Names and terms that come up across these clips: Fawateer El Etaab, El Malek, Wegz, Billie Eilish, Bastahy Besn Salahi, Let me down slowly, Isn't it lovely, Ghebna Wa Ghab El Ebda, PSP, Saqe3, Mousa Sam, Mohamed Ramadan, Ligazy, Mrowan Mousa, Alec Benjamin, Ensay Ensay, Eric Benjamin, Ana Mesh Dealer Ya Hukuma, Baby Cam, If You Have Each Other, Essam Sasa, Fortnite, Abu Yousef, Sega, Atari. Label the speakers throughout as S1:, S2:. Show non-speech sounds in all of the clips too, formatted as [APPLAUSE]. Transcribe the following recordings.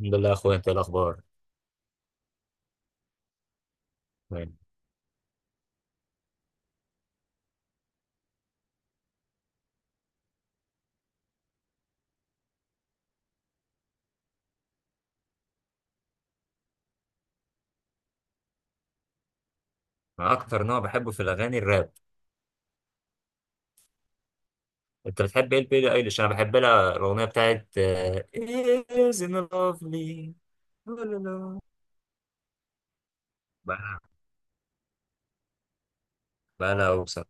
S1: الحمد لله يا اخويا، انت إيه الاخبار؟ تمام. انا اكتر نوع بحبه في الاغاني الراب. انت بتحب ايه لبيلي ايليش؟ انا بحب لها الاغنيه بتاعت Isn't it lovely. لا لا لا. بقى بقى لها اوسط.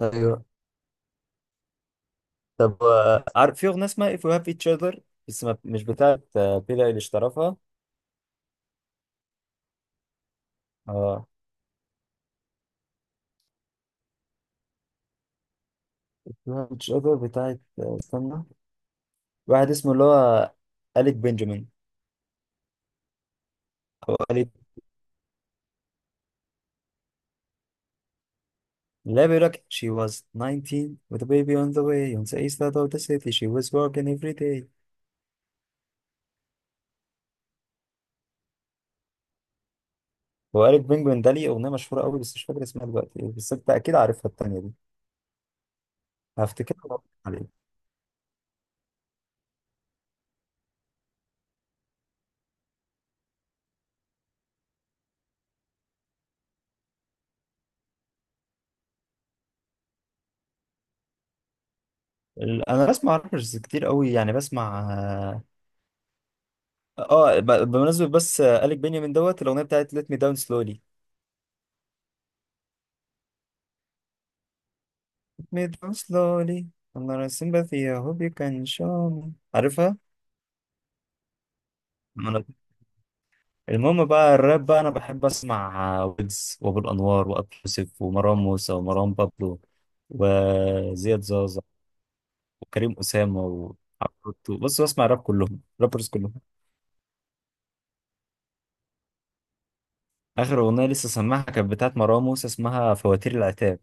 S1: ايوه، طب عارف في اغنيه اسمها If You Have Each Other؟ بس مش بتاعت بيلي ايليش طرفها. اه، If You Have Each Other بتاعت استنى، واحد اسمه اللي هو أليك بنجامين. او لا، بيقولك she was 19 with a baby on the way on the east side of the city she was working every day. هو إيريك بينجوين ده ليه أغنية مشهورة أوي بس مش فاكر اسمها دلوقتي إيه، بس أنت أكيد عارفها التانية دي. هفتكرها وأقول لك عليها. أنا بسمع رابرز كتير أوي، يعني بسمع آه ب- بمناسبة بس إيريك بنيامين دوت، الأغنية بتاعت Let me down slowly، Let me down slowly، I'm not a sympathy I hope you can show me، عارفها؟ المهم بقى الراب بقى، انا بحب اسمع ويجز وابو الانوار وابو يوسف ومروان موسى ومروان بابلو وزياد زازا وكريم اسامه وعفروتو. بص، بسمع راب، كلهم رابرز كلهم. اخر اغنيه لسه سامعها كانت بتاعت مروان موسى، اسمها فواتير العتاب.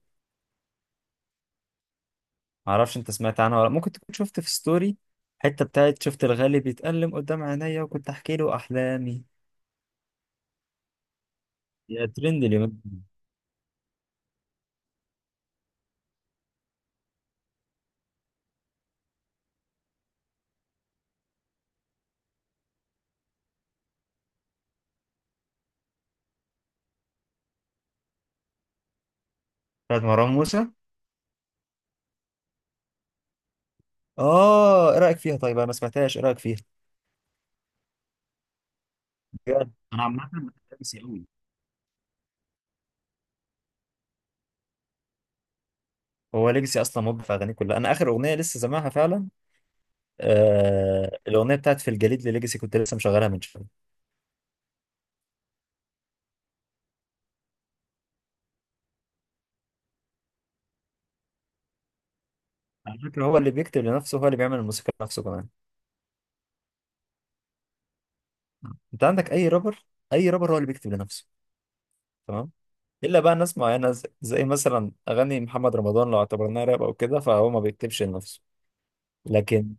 S1: معرفش انت سمعت عنها ولا لأ. ممكن تكون شفت في ستوري حته بتاعت شفت الغالي بيتألم قدام عينيا وكنت احكي له احلامي، يا ترند اليومين دول. بتاعت مروان موسى، اه. ايه رايك فيها؟ طيب انا ما سمعتهاش، ايه رايك فيها؟ بجد انا عامه بحب سي قوي. هو ليجاسي اصلا مود في اغانيه كلها. انا اخر اغنيه لسه سامعها فعلا آه الاغنيه بتاعت في الجليد لليجاسي، كنت لسه مشغلها من شويه. على فكره هو اللي بيكتب لنفسه، هو اللي بيعمل الموسيقى لنفسه كمان. انت عندك اي رابر، اي رابر هو اللي بيكتب لنفسه؟ تمام. الا بقى ناس معينه، زي مثلا اغاني محمد رمضان لو اعتبرناها راب او كده، فهو ما بيكتبش لنفسه. لكن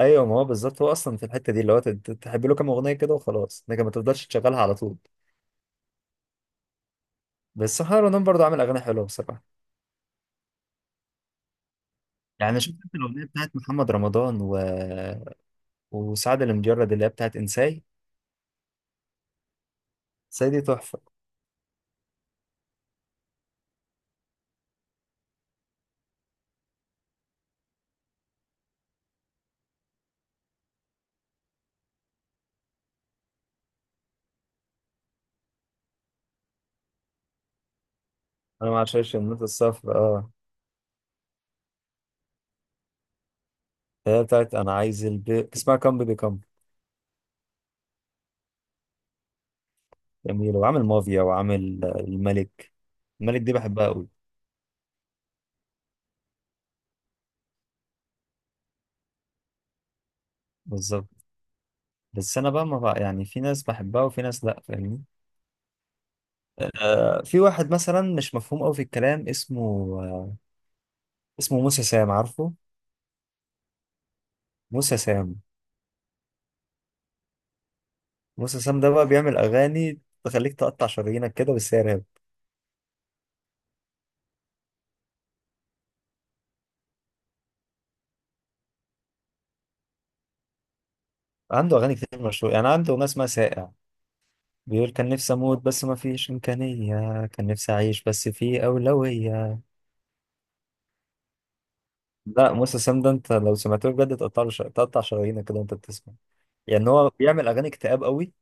S1: ايوه، ما هو بالظبط، هو اصلا في الحته دي اللي هو تحب له كام اغنيه كده وخلاص، لكن ما تفضلش تشغلها على طول. بس حاول انام، برضه عامل اغاني حلوه بصراحه. يعني انا شفت انت الاغنيه بتاعت محمد رمضان وسعد المجرد اللي هي بتاعت انساي. انساي دي تحفه. انا ما عشانش النوت الصفر، اه، اللي هي بتاعت اسمها كام بيبي كام. جميل، وعامل مافيا، وعامل الملك، الملك دي بحبها قوي. بالظبط. بس انا بقى ما بقى، يعني في ناس بحبها وفي ناس لا، فاهمني؟ آه، في واحد مثلا مش مفهوم قوي في الكلام، اسمه آه اسمه موسى سام، عارفه؟ موسى سام. موسى سام ده بقى بيعمل اغاني تخليك تقطع شرايينك كده، بس هي راب. عنده أغاني كتير مشهورة، يعني عنده أغنية اسمها ساقع، بيقول كان نفسي أموت بس ما فيش إمكانية، كان نفسي أعيش بس في أولوية. لا موسى سام ده أنت لو سمعته بجد تقطع له تقطع شرايينك كده وأنت بتسمع. يعني هو بيعمل أغاني اكتئاب قوي،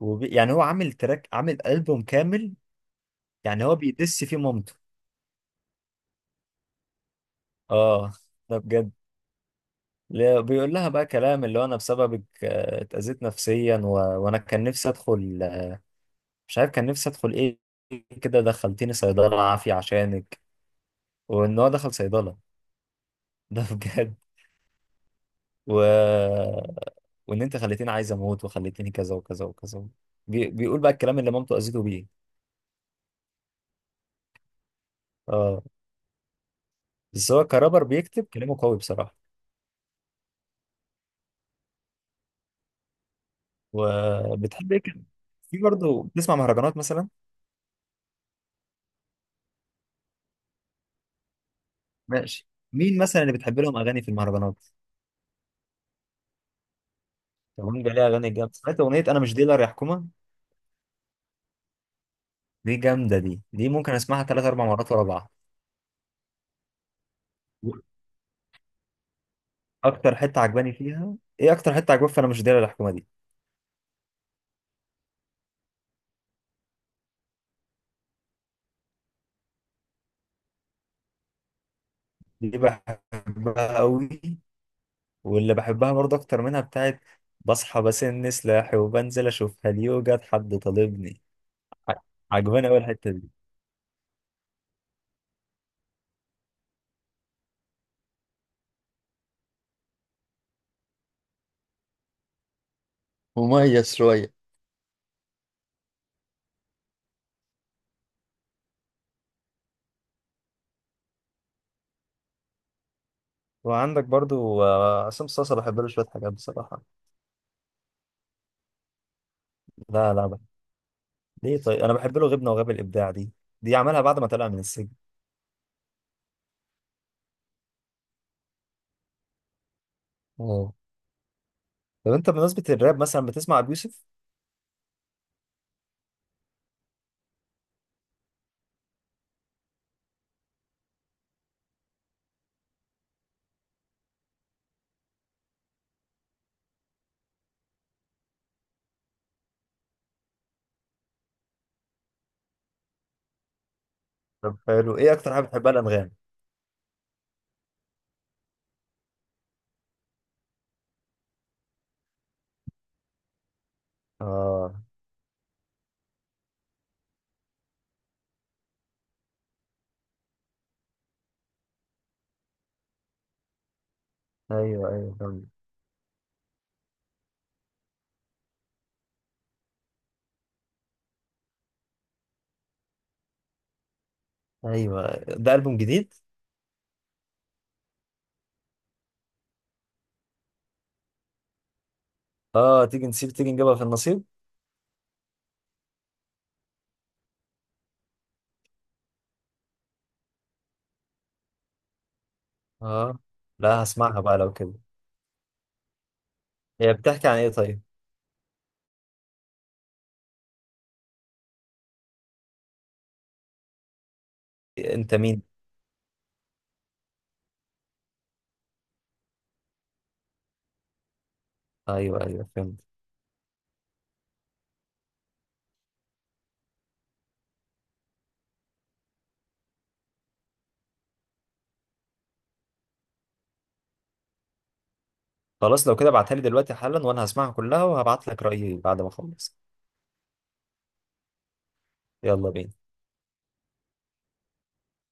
S1: يعني هو عامل تراك، عامل ألبوم كامل، يعني هو بيدس فيه مامته. آه، ده بجد. لا، بيقول لها بقى كلام اللي هو أنا بسببك اتأذيت نفسيا وأنا كان نفسي أدخل، مش عارف كان نفسي أدخل إيه، كده دخلتيني صيدلة عافية عشانك، وان هو دخل صيدله. [LAUGHS] ده بجد. و... وان انت خليتيني عايز اموت وخليتيني كذا وكذا وكذا، بيقول بقى الكلام اللي مامته اذيته بيه. اه. بس هو كرابر بيكتب كلامه قوي بصراحه. وبتحب ايه كده؟ في برضه بتسمع مهرجانات مثلا؟ ماشي. مين مثلا اللي بتحب لهم اغاني في المهرجانات؟ طب مين بقى ليه اغاني جامده؟ سمعت اغنيه انا مش ديلر يا حكومه. دي جامده، دي دي ممكن اسمعها ثلاث اربع مرات ورا بعض. اكتر حته عجباني فيها ايه، اكتر حته عجباني في انا مش ديلر يا حكومه دي، دي بحبها قوي. واللي بحبها برضه اكتر منها بتاعت بصحى بسن سلاحي وبنزل اشوف هل يوجد حد طالبني. ع- عجباني قوي الحته دي. مميز شوية. وعندك برضو عصام صاصا، بحب له شويه حاجات بصراحه. لا لا، بحب. ليه؟ طيب انا بحب له غبنه وغاب الابداع دي، دي عملها بعد ما طلع من السجن. اه. طب انت بمناسبه الراب مثلا بتسمع ابو يوسف؟ طب حلو، ايه اكتر حاجه بتحبها الانغام؟ اه. ايوه ايوه جامد. ايوه، ده البوم جديد. اه تيجي نسيب، تيجي نجيبها في النصيب. اه. لا هسمعها بقى لو كده. هي بتحكي عن ايه طيب؟ انت مين. ايوه ايوه فهمت. خلاص لو كده ابعتها لي دلوقتي حالا، وانا هسمعها كلها وهبعت لك رأيي بعد ما اخلص. يلا بينا.